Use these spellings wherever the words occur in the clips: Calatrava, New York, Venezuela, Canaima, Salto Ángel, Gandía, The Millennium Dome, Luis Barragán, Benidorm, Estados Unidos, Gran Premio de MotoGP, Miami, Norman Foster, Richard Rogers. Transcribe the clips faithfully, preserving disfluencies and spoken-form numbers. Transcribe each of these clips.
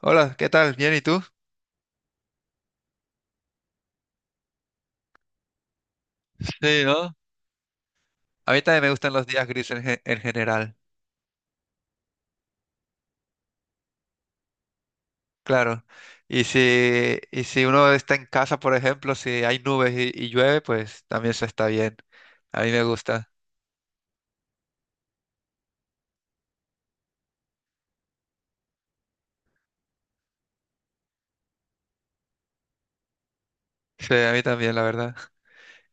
Hola, ¿qué tal? Bien, ¿y tú? Sí, ¿no? A mí también me gustan los días grises en, ge- en general, claro. Y si, y si uno está en casa, por ejemplo, si hay nubes y, y llueve, pues también se está bien. A mí me gusta. Sí, a mí también, la verdad.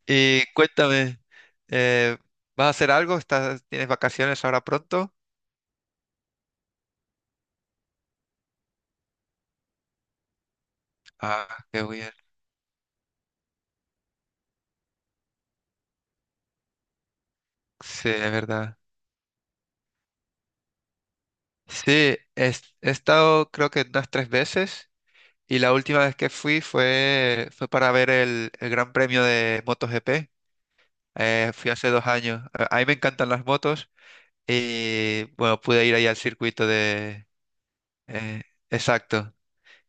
Y cuéntame, eh, ¿vas a hacer algo? ¿Estás, tienes vacaciones ahora pronto? Ah, qué bien. Sí, es verdad. Sí, he, he estado creo que unas tres veces. Y la última vez que fui fue, fue para ver el, el Gran Premio de MotoGP. Eh, fui hace dos años. A a mí me encantan las motos y bueno, pude ir ahí al circuito de. eh, exacto.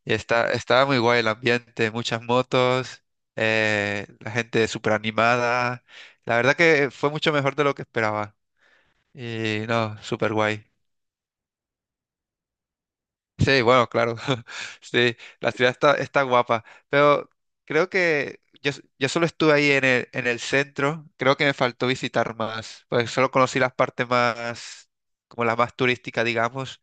Y está, estaba muy guay el ambiente, muchas motos, eh, la gente súper animada. La verdad que fue mucho mejor de lo que esperaba. Y no, súper guay. Sí, bueno, claro. Sí, la ciudad está, está guapa. Pero creo que yo, s- yo solo estuve ahí en el, en el centro. Creo que me faltó visitar más. Pues solo conocí las partes más, como las más turísticas, digamos.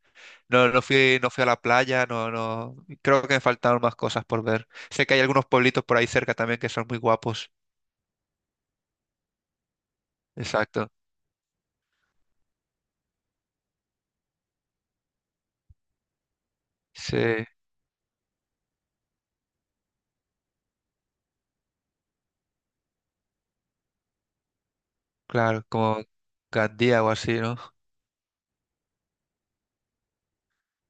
No, no fui, no fui a la playa, no, no. Creo que me faltaron más cosas por ver. Sé que hay algunos pueblitos por ahí cerca también que son muy guapos. Exacto. Sí, claro, como Gandía o así, ¿no?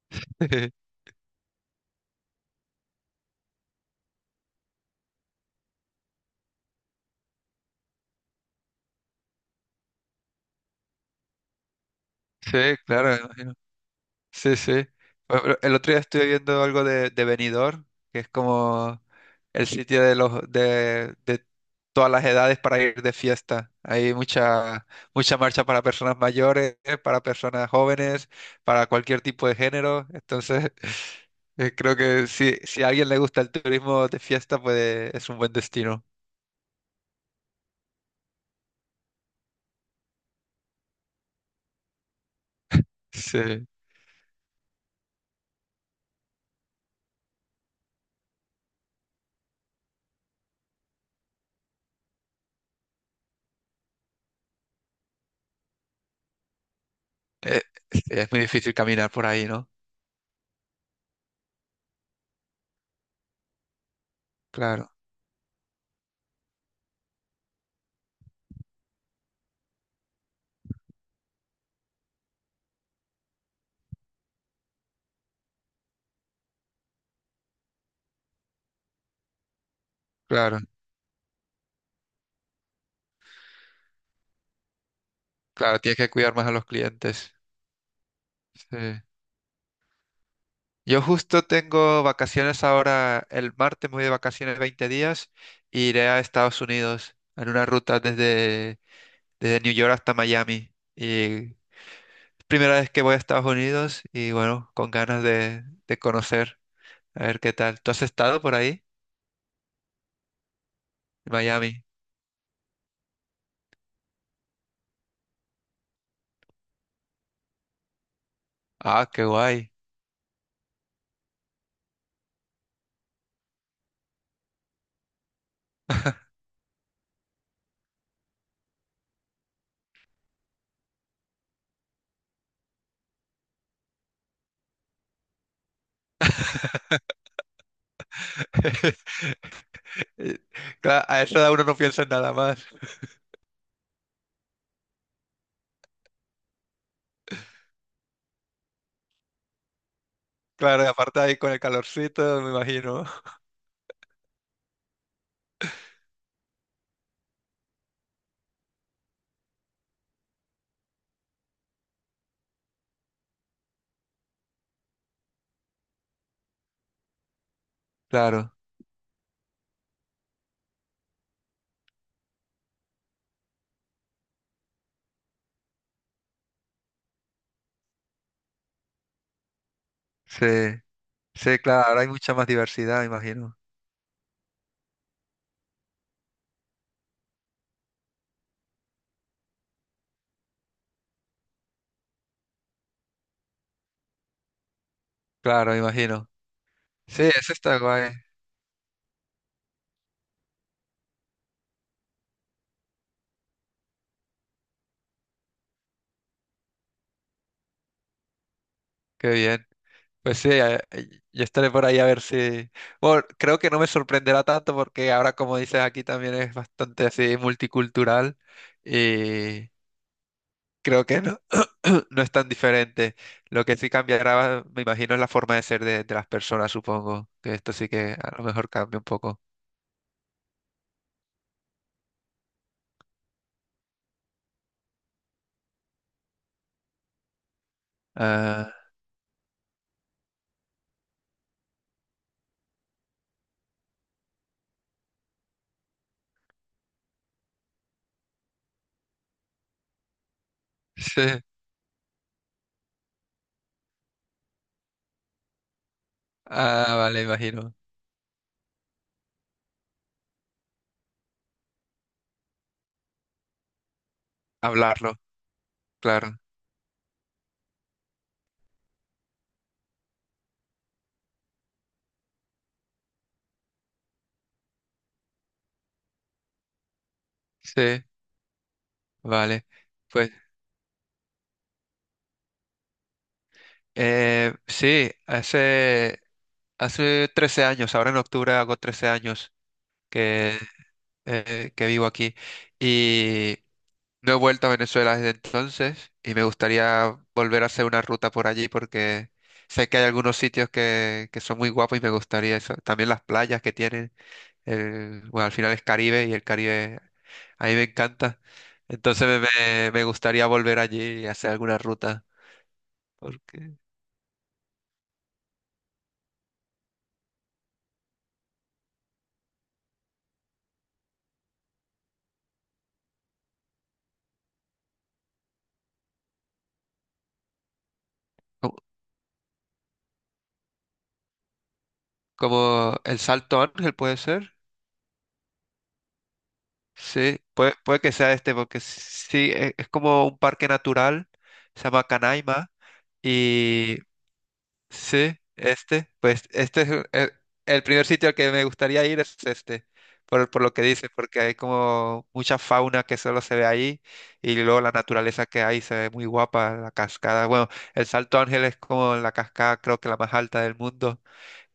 Sí, claro. Sí, sí. Por ejemplo, el otro día estuve viendo algo de, de Benidorm, que es como el sitio de los de, de todas las edades para ir de fiesta. Hay mucha mucha marcha para personas mayores, para personas jóvenes, para cualquier tipo de género. Entonces, eh, creo que si, si a alguien le gusta el turismo de fiesta, pues es un buen destino. Sí. Eh, sí, es muy difícil caminar por ahí, ¿no? Claro, claro, claro. Tienes que cuidar más a los clientes. Sí. Yo justo tengo vacaciones ahora, el martes me voy de vacaciones veinte días y iré a Estados Unidos en una ruta desde, desde New York hasta Miami. Y es primera vez que voy a Estados Unidos y bueno, con ganas de, de conocer, a ver qué tal. ¿Tú has estado por ahí, en Miami? Ah, qué guay. Eh, Claro, a esa edad uno no piensa en nada más. Claro, y aparte ahí con el calorcito, me imagino. Claro, sí, sí, claro, ahora hay mucha más diversidad, me imagino. Claro, me imagino. Sí, eso está guay. Qué bien. Pues sí, eh, yo estaré por ahí a ver si. Bueno, creo que no me sorprenderá tanto porque ahora, como dices, aquí también es bastante así multicultural y creo que no, no es tan diferente. Lo que sí cambiará, me imagino, es la forma de ser de, de las personas, supongo. Que esto sí que a lo mejor cambia un poco. Ah, sí. Ah, vale, imagino. Hablarlo, claro. Sí, vale. Pues. Eh, sí, hace, hace trece años. Ahora en octubre hago trece años que, eh, que vivo aquí y no he vuelto a Venezuela desde entonces y me gustaría volver a hacer una ruta por allí porque sé que hay algunos sitios que, que son muy guapos y me gustaría eso. También las playas que tienen, el- bueno, al final es Caribe y el Caribe a mí me encanta. Entonces me, me me gustaría volver allí y hacer alguna ruta. Porque. Como el Salto Ángel puede ser. Sí, puede, puede que sea este, porque sí, e- es como un parque natural, se llama Canaima, y sí, este, pues este es el, el- el primer sitio al que me gustaría ir es este, por, por lo que dices, porque hay como mucha fauna que solo se ve ahí, y luego la naturaleza que hay se ve muy guapa, la cascada, bueno, el Salto Ángel es como la cascada creo que la más alta del mundo.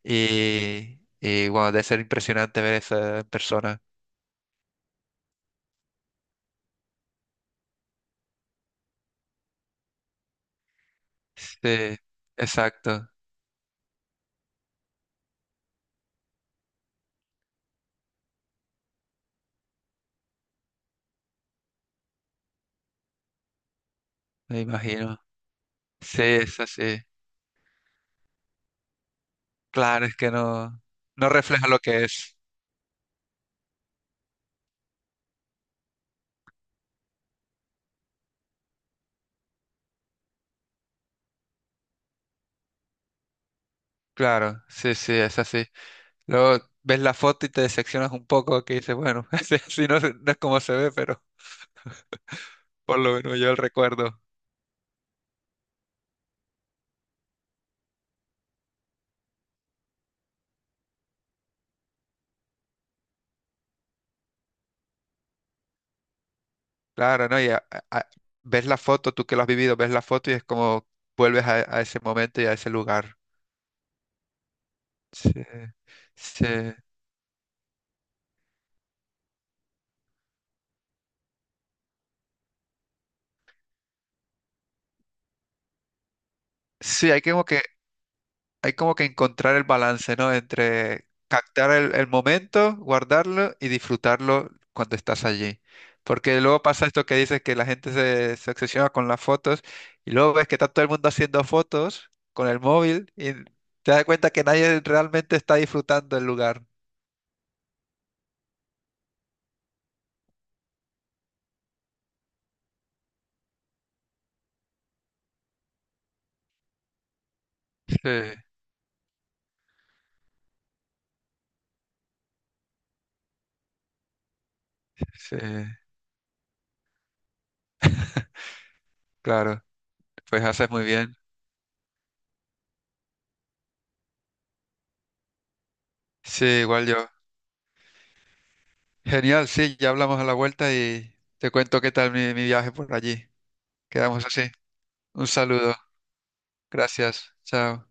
Y, y bueno, debe ser impresionante ver esa persona. Sí, exacto, me imagino. Sí, es así. Claro, es que no, no refleja lo que es. Claro, sí, sí, es así. Luego ves la foto y te decepcionas un poco, que dices, bueno, así, así no, no es como se ve, pero por lo menos yo el recuerdo. Claro, ¿no? Y a- a- a- ves la foto, tú que lo has vivido, ves la foto y es como vuelves a, a ese momento y a ese lugar. Sí, sí. Sí, hay que como que hay como que encontrar el balance, ¿no? Entre captar el, el momento, guardarlo y disfrutarlo cuando estás allí. Porque luego pasa esto que dices que la gente se, se obsesiona con las fotos y luego ves que está todo el mundo haciendo fotos con el móvil y te das cuenta que nadie realmente está disfrutando el lugar. Sí, sí, claro. Pues haces muy bien. Sí, igual yo. Genial, sí, ya hablamos a la vuelta y te cuento qué tal mi, mi viaje por allí. Quedamos así. Un saludo. Gracias. Chao.